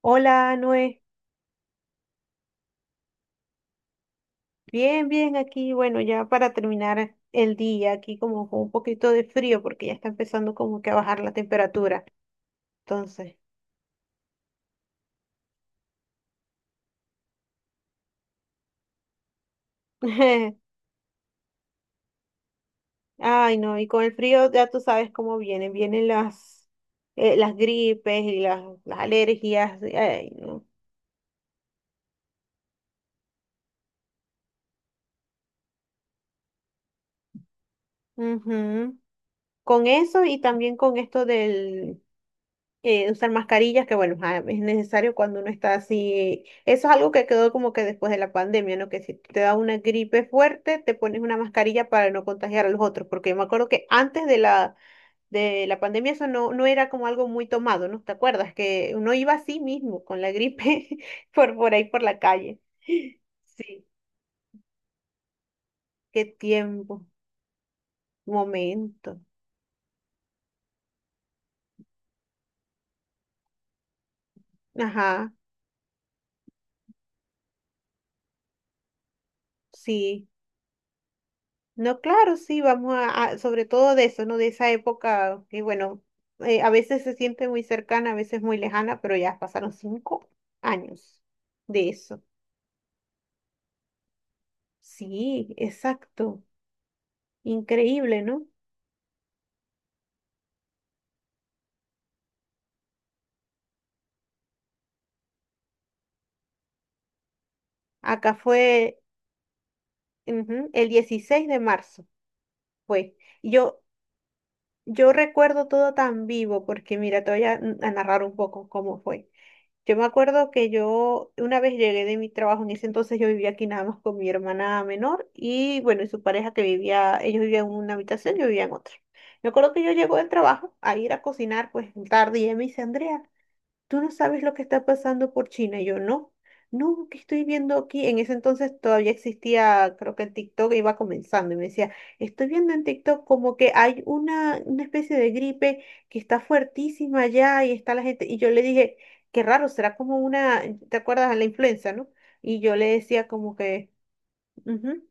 Hola, Noé. Bien, bien aquí. Bueno, ya para terminar el día, aquí como con un poquito de frío porque ya está empezando como que a bajar la temperatura. Entonces, ay, no, y con el frío ya tú sabes cómo vienen. Vienen las, las gripes y las alergias. Ay, no. Ujú. Con eso y también con esto del usar mascarillas, que bueno, es necesario cuando uno está así. Eso es algo que quedó como que después de la pandemia, ¿no? Que si te da una gripe fuerte, te pones una mascarilla para no contagiar a los otros, porque yo me acuerdo que antes de la pandemia eso no, no era como algo muy tomado, ¿no? ¿Te acuerdas? Que uno iba así mismo con la gripe por ahí por la calle. Sí, qué tiempo, momento. Ajá, sí. No, claro, sí, vamos a, sobre todo de eso, ¿no? De esa época que, bueno, a veces se siente muy cercana, a veces muy lejana, pero ya pasaron 5 años de eso. Sí, exacto. Increíble, ¿no? Acá fue, ujú, el 16 de marzo, fue. Y yo recuerdo todo tan vivo, porque mira, te voy a narrar un poco cómo fue. Yo me acuerdo que yo una vez llegué de mi trabajo, en ese entonces yo vivía aquí nada más con mi hermana menor y bueno, y su pareja que vivía, ellos vivían en una habitación, yo vivía en otra. Me acuerdo que yo llego del trabajo a ir a cocinar pues tarde y ella me dice, Andrea, tú no sabes lo que está pasando por China. Y yo, no, no, que estoy viendo aquí. En ese entonces todavía existía, creo que el TikTok iba comenzando y me decía, estoy viendo en TikTok como que hay una especie de gripe que está fuertísima allá y está la gente. Y yo le dije, qué raro, será como una, ¿te acuerdas de la influenza, no? Y yo le decía como que... "Ujú".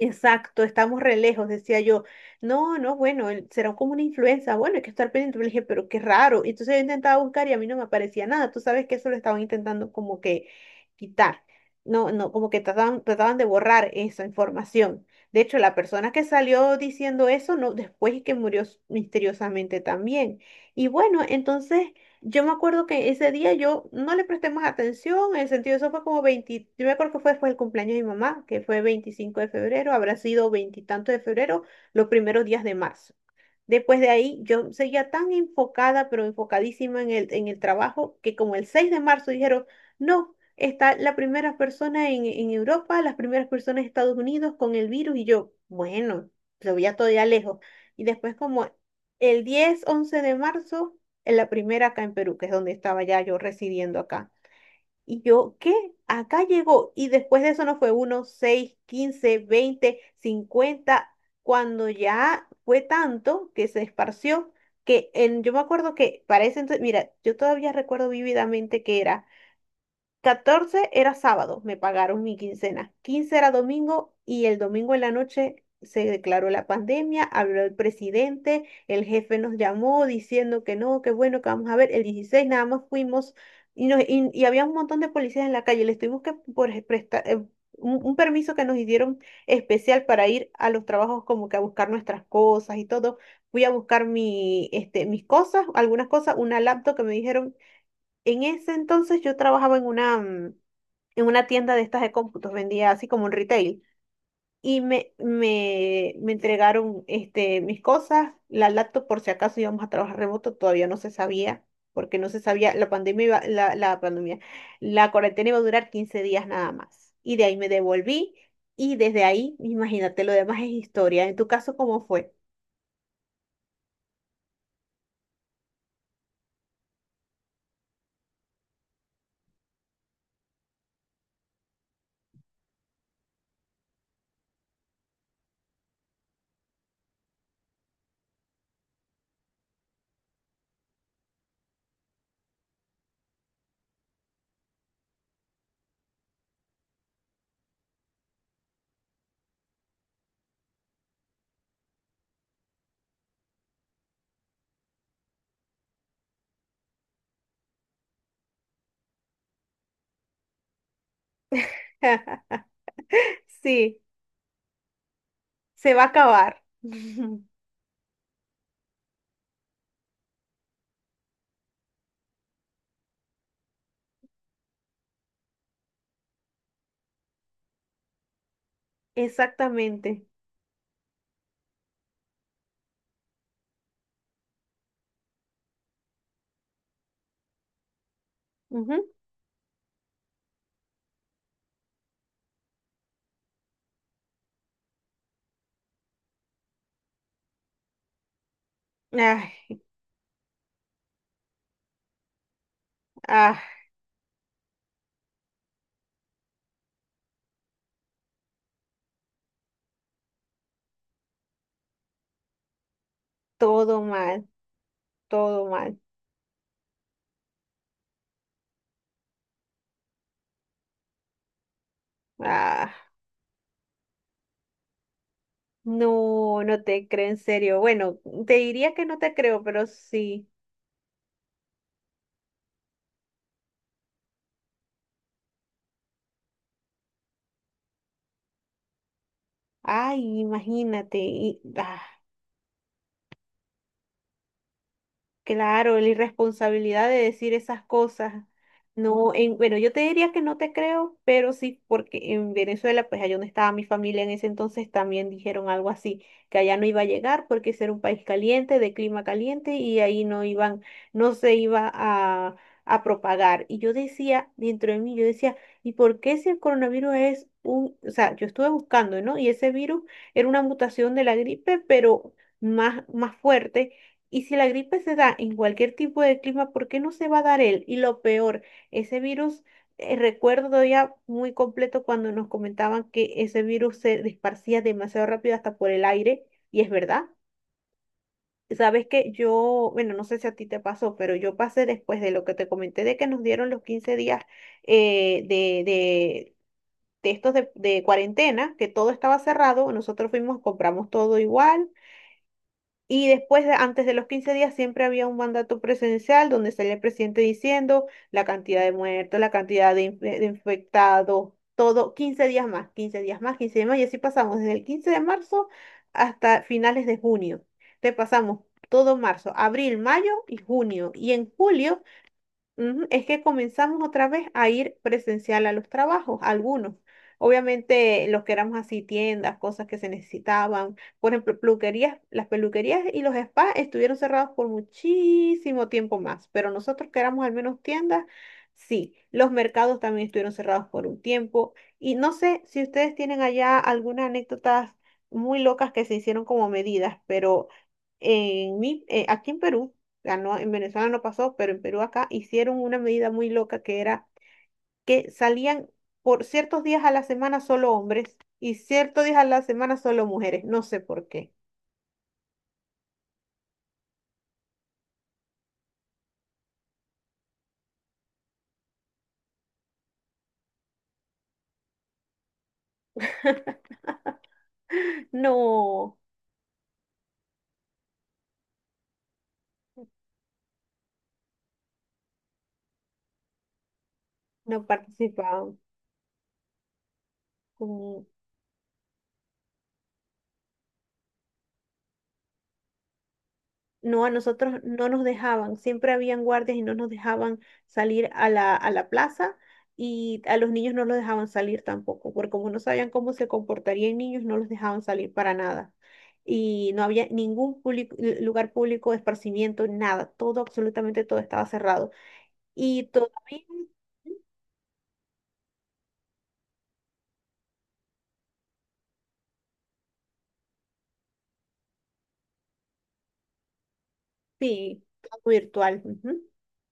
Exacto, estamos re lejos, decía yo. No, no, bueno, será como una influenza. Bueno, hay que estar pendiente. Le dije, pero qué raro. Y entonces yo intentaba buscar y a mí no me aparecía nada. Tú sabes que eso lo estaban intentando como que quitar. No, no, como que trataban de borrar esa información. De hecho, la persona que salió diciendo eso, no, después es que murió misteriosamente también. Y bueno, entonces yo me acuerdo que ese día yo no le presté más atención, en el sentido, eso fue como 20, yo me acuerdo que fue después del cumpleaños de mi mamá, que fue 25 de febrero, habrá sido veintitanto de febrero, los primeros días de marzo. Después de ahí, yo seguía tan enfocada, pero enfocadísima en el, trabajo, que como el 6 de marzo dijeron, no, está la primera persona en Europa, las primeras personas en Estados Unidos con el virus, y yo, bueno, se veía todavía lejos. Y después como el 10 11 de marzo, en la primera acá en Perú, que es donde estaba ya yo residiendo acá. Y yo, ¿qué? Acá llegó. Y después de eso no fue uno, seis, quince, veinte, 50 cuando ya fue tanto que se esparció, que en, yo me acuerdo que para ese entonces, mira, yo todavía recuerdo vívidamente que era 14, era sábado, me pagaron mi quincena. 15 era domingo y el domingo en la noche se declaró la pandemia, habló el presidente, el jefe nos llamó diciendo que no, que bueno, que vamos a ver. El 16 nada más fuimos y, y había un montón de policías en la calle. Les tuvimos que por prestar un, permiso que nos dieron especial para ir a los trabajos como que a buscar nuestras cosas y todo. Fui a buscar mi, este, mis cosas, algunas cosas, una laptop que me dijeron. En ese entonces yo trabajaba en una, tienda de estas de cómputos, vendía así como un retail. Y me entregaron este, mis cosas, la laptop por si acaso íbamos a trabajar remoto, todavía no se sabía, porque no se sabía, la pandemia la pandemia, la cuarentena iba a durar 15 días nada más. Y de ahí me devolví y desde ahí, imagínate, lo demás es historia. En tu caso, ¿cómo fue? Sí, se va a acabar. Exactamente. Ujú. Ay, ah Todo mal, todo mal. Ah, no, no te creo en serio. Bueno, te diría que no te creo, pero sí. Ay, imagínate. Claro, la irresponsabilidad de decir esas cosas. No, en, bueno, yo te diría que no te creo, pero sí, porque en Venezuela, pues allá donde estaba mi familia en ese entonces, también dijeron algo así, que allá no iba a llegar porque ese era un país caliente, de clima caliente, y ahí no iban, no se iba a propagar. Y yo decía, dentro de mí, yo decía, ¿y por qué si el coronavirus es un, o sea, yo estuve buscando, ¿no? Y ese virus era una mutación de la gripe, pero más, más fuerte. Y si la gripe se da en cualquier tipo de clima, ¿por qué no se va a dar él? Y lo peor, ese virus, recuerdo ya muy completo cuando nos comentaban que ese virus se esparcía demasiado rápido hasta por el aire, y es verdad. Sabes que yo, bueno, no sé si a ti te pasó, pero yo pasé después de lo que te comenté de que nos dieron los 15 días eh, de, de, de estos de cuarentena, que todo estaba cerrado, nosotros fuimos, compramos todo igual y después, antes de los 15 días, siempre había un mandato presidencial donde salía el presidente diciendo la cantidad de muertos, la cantidad de, de infectados, todo, 15 días más, 15 días más, 15 días más, y así pasamos desde el 15 de marzo hasta finales de junio. Te pasamos todo marzo, abril, mayo y junio. Y en julio, ujú, es que comenzamos otra vez a ir presencial a los trabajos, algunos. Obviamente los que éramos así, tiendas, cosas que se necesitaban. Por ejemplo, peluquerías, las peluquerías y los spas estuvieron cerrados por muchísimo tiempo más, pero nosotros que éramos al menos tiendas, sí. Los mercados también estuvieron cerrados por un tiempo. Y no sé si ustedes tienen allá algunas anécdotas muy locas que se hicieron como medidas, pero en mi, aquí en Perú ganó, en Venezuela no pasó, pero en Perú acá hicieron una medida muy loca que era que salían por ciertos días a la semana solo hombres y ciertos días a la semana solo mujeres, no sé por qué. No, no participaban. No, a nosotros no nos dejaban, siempre habían guardias y no nos dejaban salir a la plaza y a los niños no los dejaban salir tampoco, porque como no sabían cómo se comportarían niños, no los dejaban salir para nada. Y no había ningún lugar público de esparcimiento, nada, todo, absolutamente todo estaba cerrado. Y todavía. Sí, todo virtual, ujú.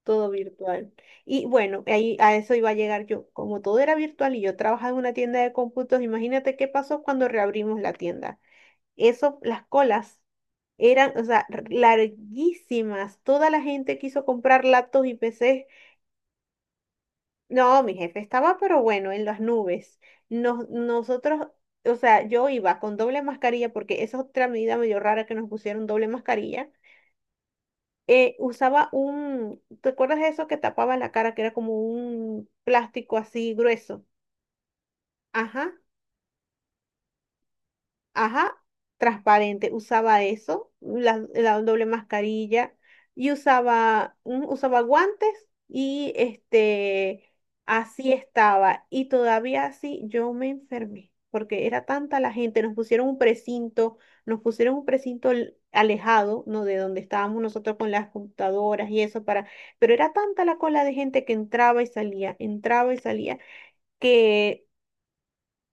Todo virtual. Y bueno, ahí a eso iba a llegar yo. Como todo era virtual y yo trabajaba en una tienda de cómputos, imagínate qué pasó cuando reabrimos la tienda. Eso, las colas eran, o sea, larguísimas. Toda la gente quiso comprar laptops y PCs. No, mi jefe estaba, pero bueno, en las nubes. Nos, nosotros, o sea, yo iba con doble mascarilla porque esa es otra medida medio rara que nos pusieron doble mascarilla, usaba un, ¿te acuerdas de eso que tapaba la cara, que era como un plástico así grueso? Ajá. Ajá, transparente, usaba eso, la doble mascarilla y usaba, usaba guantes y este, así estaba. Y todavía así yo me enfermé, porque era tanta la gente, nos pusieron un precinto, nos pusieron un precinto alejado, ¿no? De donde estábamos nosotros con las computadoras y eso para, pero era tanta la cola de gente que entraba y salía, que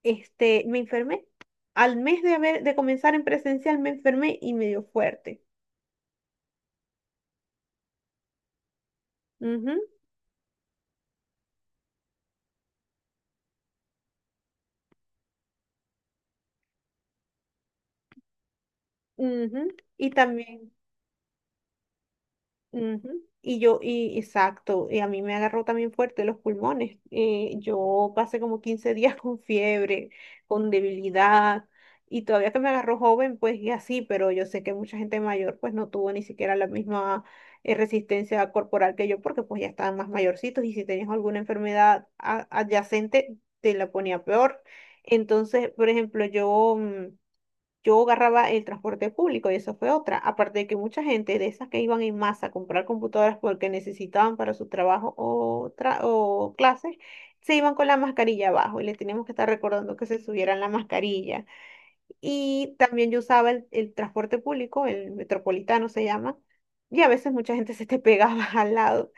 este, me enfermé. Al mes de haber, de comenzar en presencial me enfermé y me dio fuerte. Ujú, ujú. Y también. Ujú. Y yo, y exacto, y a mí me agarró también fuerte los pulmones. Yo pasé como 15 días con fiebre, con debilidad, y todavía que me agarró joven, pues y así, pero yo sé que mucha gente mayor pues no tuvo ni siquiera la misma resistencia corporal que yo, porque pues ya estaban más mayorcitos y si tenías alguna enfermedad adyacente, te la ponía peor. Entonces, por ejemplo, yo agarraba el transporte público y eso fue otra. Aparte de que mucha gente de esas que iban en masa a comprar computadoras porque necesitaban para su trabajo o, o clases, se iban con la mascarilla abajo y les teníamos que estar recordando que se subieran la mascarilla. Y también yo usaba el transporte público, el metropolitano se llama, y a veces mucha gente se te pegaba al lado.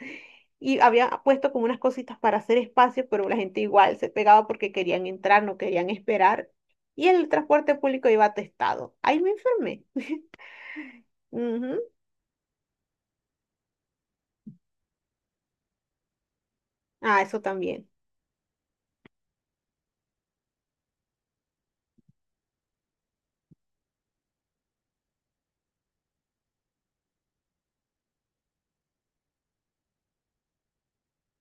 Y había puesto como unas cositas para hacer espacio, pero la gente igual se pegaba porque querían entrar, no querían esperar. Y el transporte público iba atestado. Ahí me enfermé. Ujú. Ah, eso también.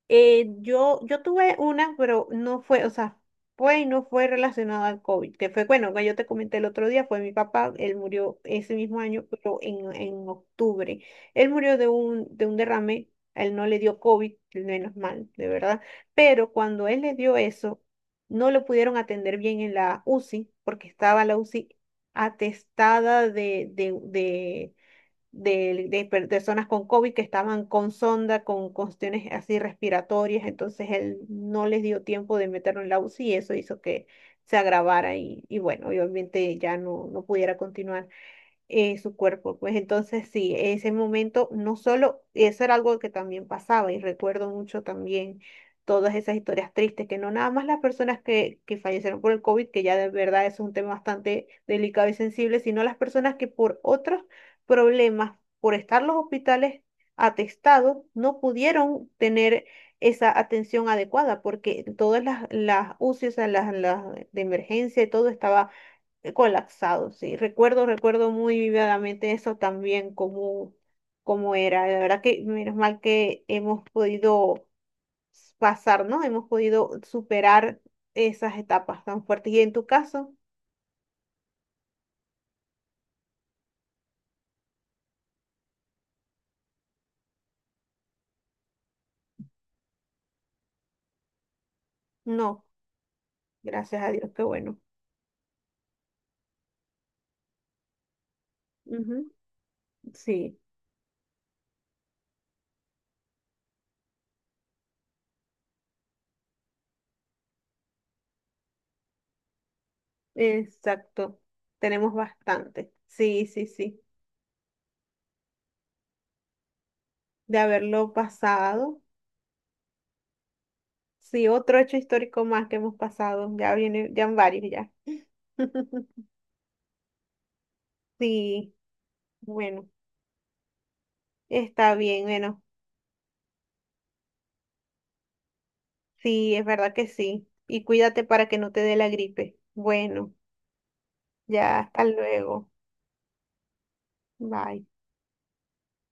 Yo tuve una, pero no fue, o sea, fue y no fue relacionada al COVID, que fue, bueno, que yo te comenté el otro día, fue mi papá, él murió ese mismo año, pero en octubre. Él murió de un derrame, a él no le dio COVID, menos mal, de verdad, pero cuando él le dio eso, no lo pudieron atender bien en la UCI, porque estaba la UCI atestada de, personas con COVID que estaban con sonda, con cuestiones así respiratorias, entonces él no les dio tiempo de meterlo en la UCI y eso hizo que se agravara y bueno, y obviamente ya no, no pudiera continuar, su cuerpo. Pues entonces sí, ese momento no solo, eso era algo que también pasaba y recuerdo mucho también todas esas historias tristes, que no nada más las personas que fallecieron por el COVID, que ya de verdad eso es un tema bastante delicado y sensible, sino las personas que por otros problemas, por estar los hospitales atestados, no pudieron tener esa atención adecuada, porque todas las, UCI, o sea, las de emergencia y todo estaba colapsado, sí. Recuerdo, recuerdo muy vividamente eso también, cómo, cómo era. La verdad que menos mal que hemos podido pasar, ¿no? Hemos podido superar esas etapas tan fuertes. Y en tu caso, no, gracias a Dios, qué bueno. Ujú. Sí, exacto. Tenemos bastante. Sí, sí, sí. De haberlo pasado. Sí, otro hecho histórico más que hemos pasado. Ya viene, ya van varios ya. Sí, bueno. Está bien, bueno, sí, es verdad que sí. Y cuídate para que no te dé la gripe. Bueno, ya, hasta luego. Bye.